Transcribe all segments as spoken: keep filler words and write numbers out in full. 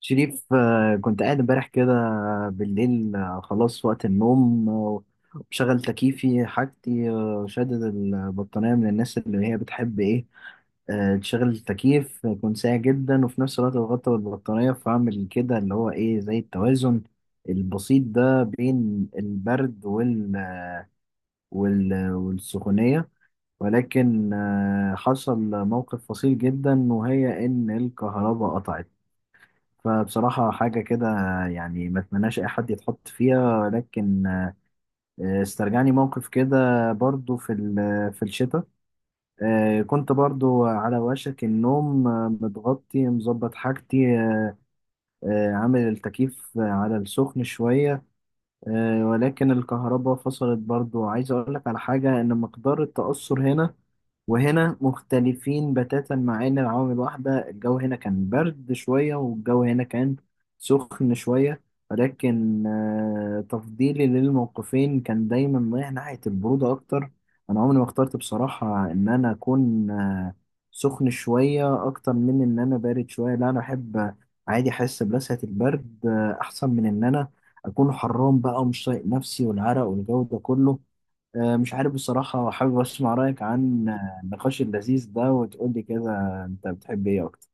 شريف، آه، كنت قاعد امبارح كده بالليل. آه، خلاص وقت النوم، آه، وبشغل تكييفي حاجتي، آه، شادد البطانية من الناس اللي هي بتحب ايه، آه، تشغل التكييف يكون ساقع جدا وفي نفس الوقت بغطى بالبطانية، فأعمل كده اللي هو ايه زي التوازن البسيط ده بين البرد وال... وال... والسخونية. ولكن آه، حصل موقف فصيل جدا، وهي إن الكهرباء قطعت. فبصراحة حاجة كده يعني ما اتمناش أي حد يتحط فيها، لكن آه، استرجعني موقف كده برضو في ال- في الشتاء. آه، كنت برضو على وشك النوم، آه، متغطي مظبط حاجتي، آه، عامل التكييف على السخن شوية، آه، ولكن الكهرباء فصلت برضو. عايز أقول لك على حاجة، إن مقدار التأثر هنا وهنا مختلفين بتاتا، مع إن العوامل واحدة. الجو هنا كان برد شوية والجو هنا كان سخن شوية، ولكن آه، تفضيلي للموقفين كان دايما رايح ناحية البرودة أكتر. أنا عمري ما اخترت بصراحة إن أنا أكون آه، سخن شوية أكتر من إن أنا بارد شوية. لا، أنا أحب عادي أحس بلسعة البرد، آه، أحسن من إن أنا اكون حرام بقى ومش طايق نفسي والعرق والجو ده كله. آه، مش عارف بصراحة، حابب اسمع رأيك عن آه، النقاش اللذيذ ده، وتقول لي كده انت بتحب ايه اكتر.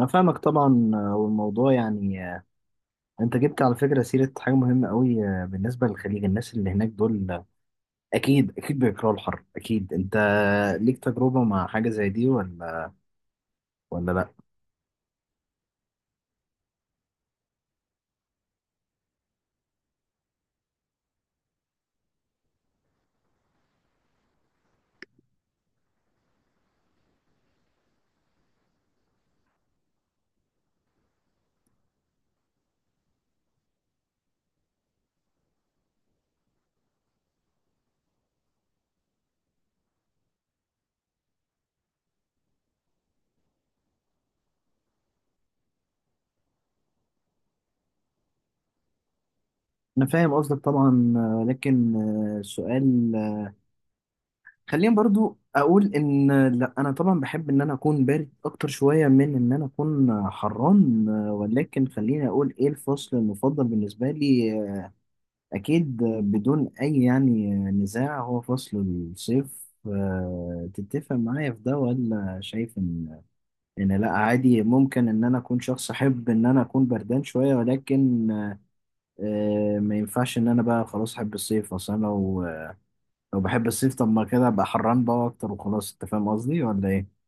انا فاهمك طبعا، آه، والموضوع يعني آه، انت جبت على فكرة سيرة حاجة مهمة قوي، آه، بالنسبة للخليج. الناس اللي هناك دول، آه، اكيد اكيد بيكرهوا الحر. اكيد انت ليك تجربة مع حاجة زي دي ولا ولا لا؟ انا فاهم قصدك طبعا، آه، لكن آه، السؤال، خليني برضو اقول ان لا، انا طبعا بحب ان انا اكون بارد اكتر شويه من ان انا اكون حران، ولكن خليني اقول ايه الفصل المفضل بالنسبه لي. اكيد بدون اي يعني نزاع هو فصل الصيف. آه، تتفق معايا في ده ولا شايف ان ان لا عادي، ممكن ان انا اكون شخص احب ان انا اكون بردان شويه، ولكن آه، ما ينفعش ان انا بقى خلاص احب الصيف اصلا. لو بحب الصيف طب ما كده ابقى حران بقى اكتر وخلاص، انت فاهم قصدي ولا ايه؟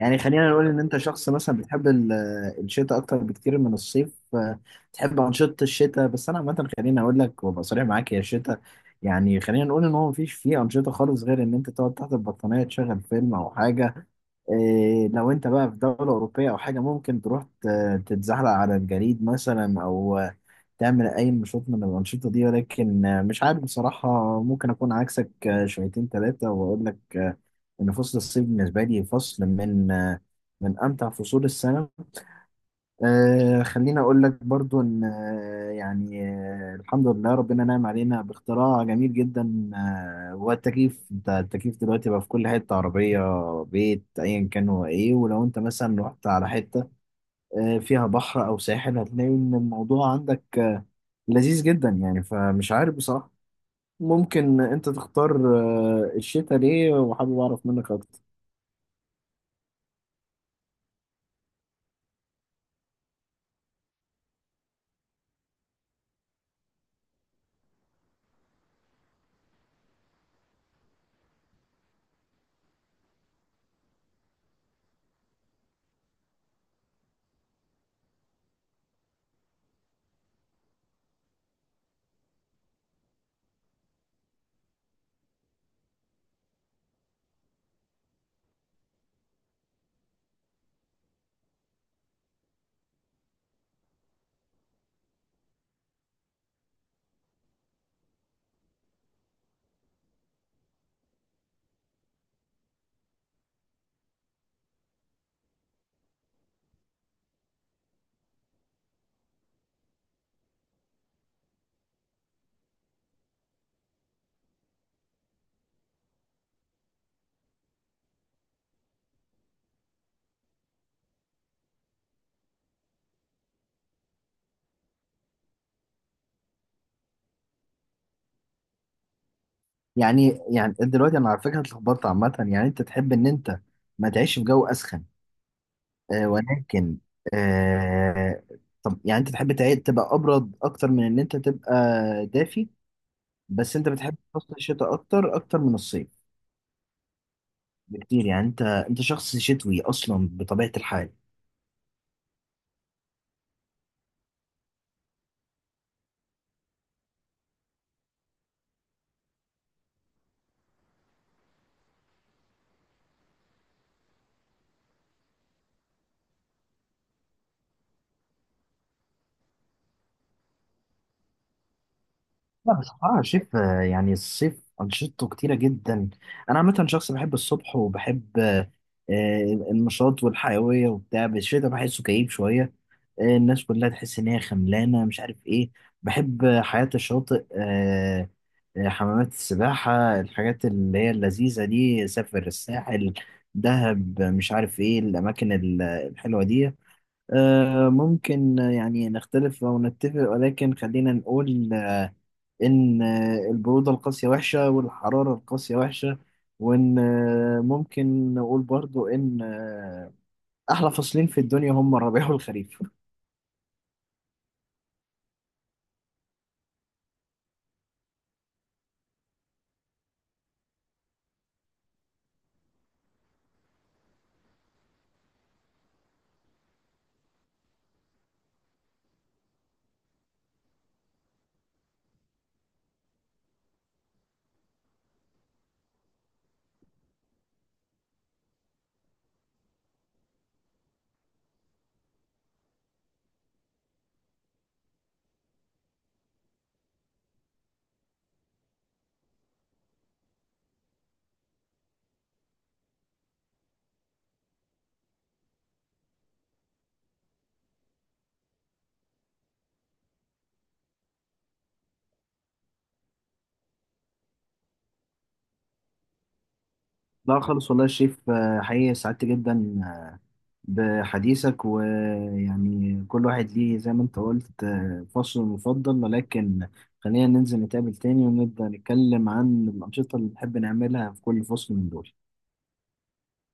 يعني خلينا نقول ان انت شخص مثلا بتحب ال- آه، الشتاء اكتر بكتير من الصيف. آه، تحب انشطة الشتاء، بس انا عامة خليني اقول لك وابقى صريح معاك، يا الشتاء يعني خلينا نقول ان هو مفيش فيه انشطة خالص غير ان انت تقعد تحت البطانية تشغل فيلم او حاجة. إيه لو انت بقى في دولة أوروبية أو حاجة، ممكن تروح ت- تتزحلق على الجليد مثلا، أو تعمل أي نشاط من الأنشطة دي. ولكن آه، مش عارف بصراحة، ممكن أكون عكسك آه، شويتين ثلاثة، وأقول لك آه، إن فصل الصيف بالنسبة لي فصل من آه، من أمتع فصول السنة. آه، خليني أقول لك برضو إن آه، يعني آه، الحمد لله ربنا نعم علينا باختراع جميل جدا، آه، هو التكييف. أنت التكييف دلوقتي بقى في كل حتة، عربية، بيت، أيا كان هو إيه. ولو أنت مثلا رحت على حتة آه، فيها بحر أو ساحل، هتلاقي إن الموضوع عندك لذيذ جدا يعني. فمش عارف بصراحة، ممكن انت تختار آه، الشتاء ليه، وحابب اعرف منك اكتر. يعني يعني دلوقتي انا على فكرة اتلخبطت عامة، يعني انت تحب ان انت ما تعيش في جو اسخن، آه، ولكن آه، طب يعني انت تحب تعي- تبقى ابرد اكتر من ان انت تبقى دافي، بس انت بتحب فصل الشتاء اكتر اكتر من الصيف، بكتير. يعني انت انت شخص شتوي اصلا بطبيعة الحال. لا بصراحة الصيف، آه، يعني الصيف أنشطته كتيرة جدا. أنا عامة شخص بحب الصبح وبحب آه، آه، النشاط والحيوية وبتاع، بس الشتا بحسه كئيب شوية. آه، الناس كلها تحس إن هي خملانة، مش عارف إيه. بحب آه، حياة الشاطئ، آه، آه، حمامات السباحة، الحاجات اللي هي اللذيذة دي، سافر الساحل، دهب، مش عارف إيه الأماكن ال- الحلوة دي. آه، ممكن آه، يعني نختلف أو نتفق، ولكن خلينا نقول إن آه، البرودة القاسية وحشة، والحرارة القاسية وحشة، وإن آه، ممكن نقول برضو إن آه، أحلى فصلين في الدنيا هم الربيع والخريف. لا خالص والله يا شريف، آه، حقيقي سعدت جدا بحديثك، ويعني كل واحد ليه زي ما انت قلت آه، فصل مفضل، ولكن خلينا ننزل نتقابل تاني ونبدأ نتكلم عن الأنشطة اللي بنحب نعملها في كل فصل من دول.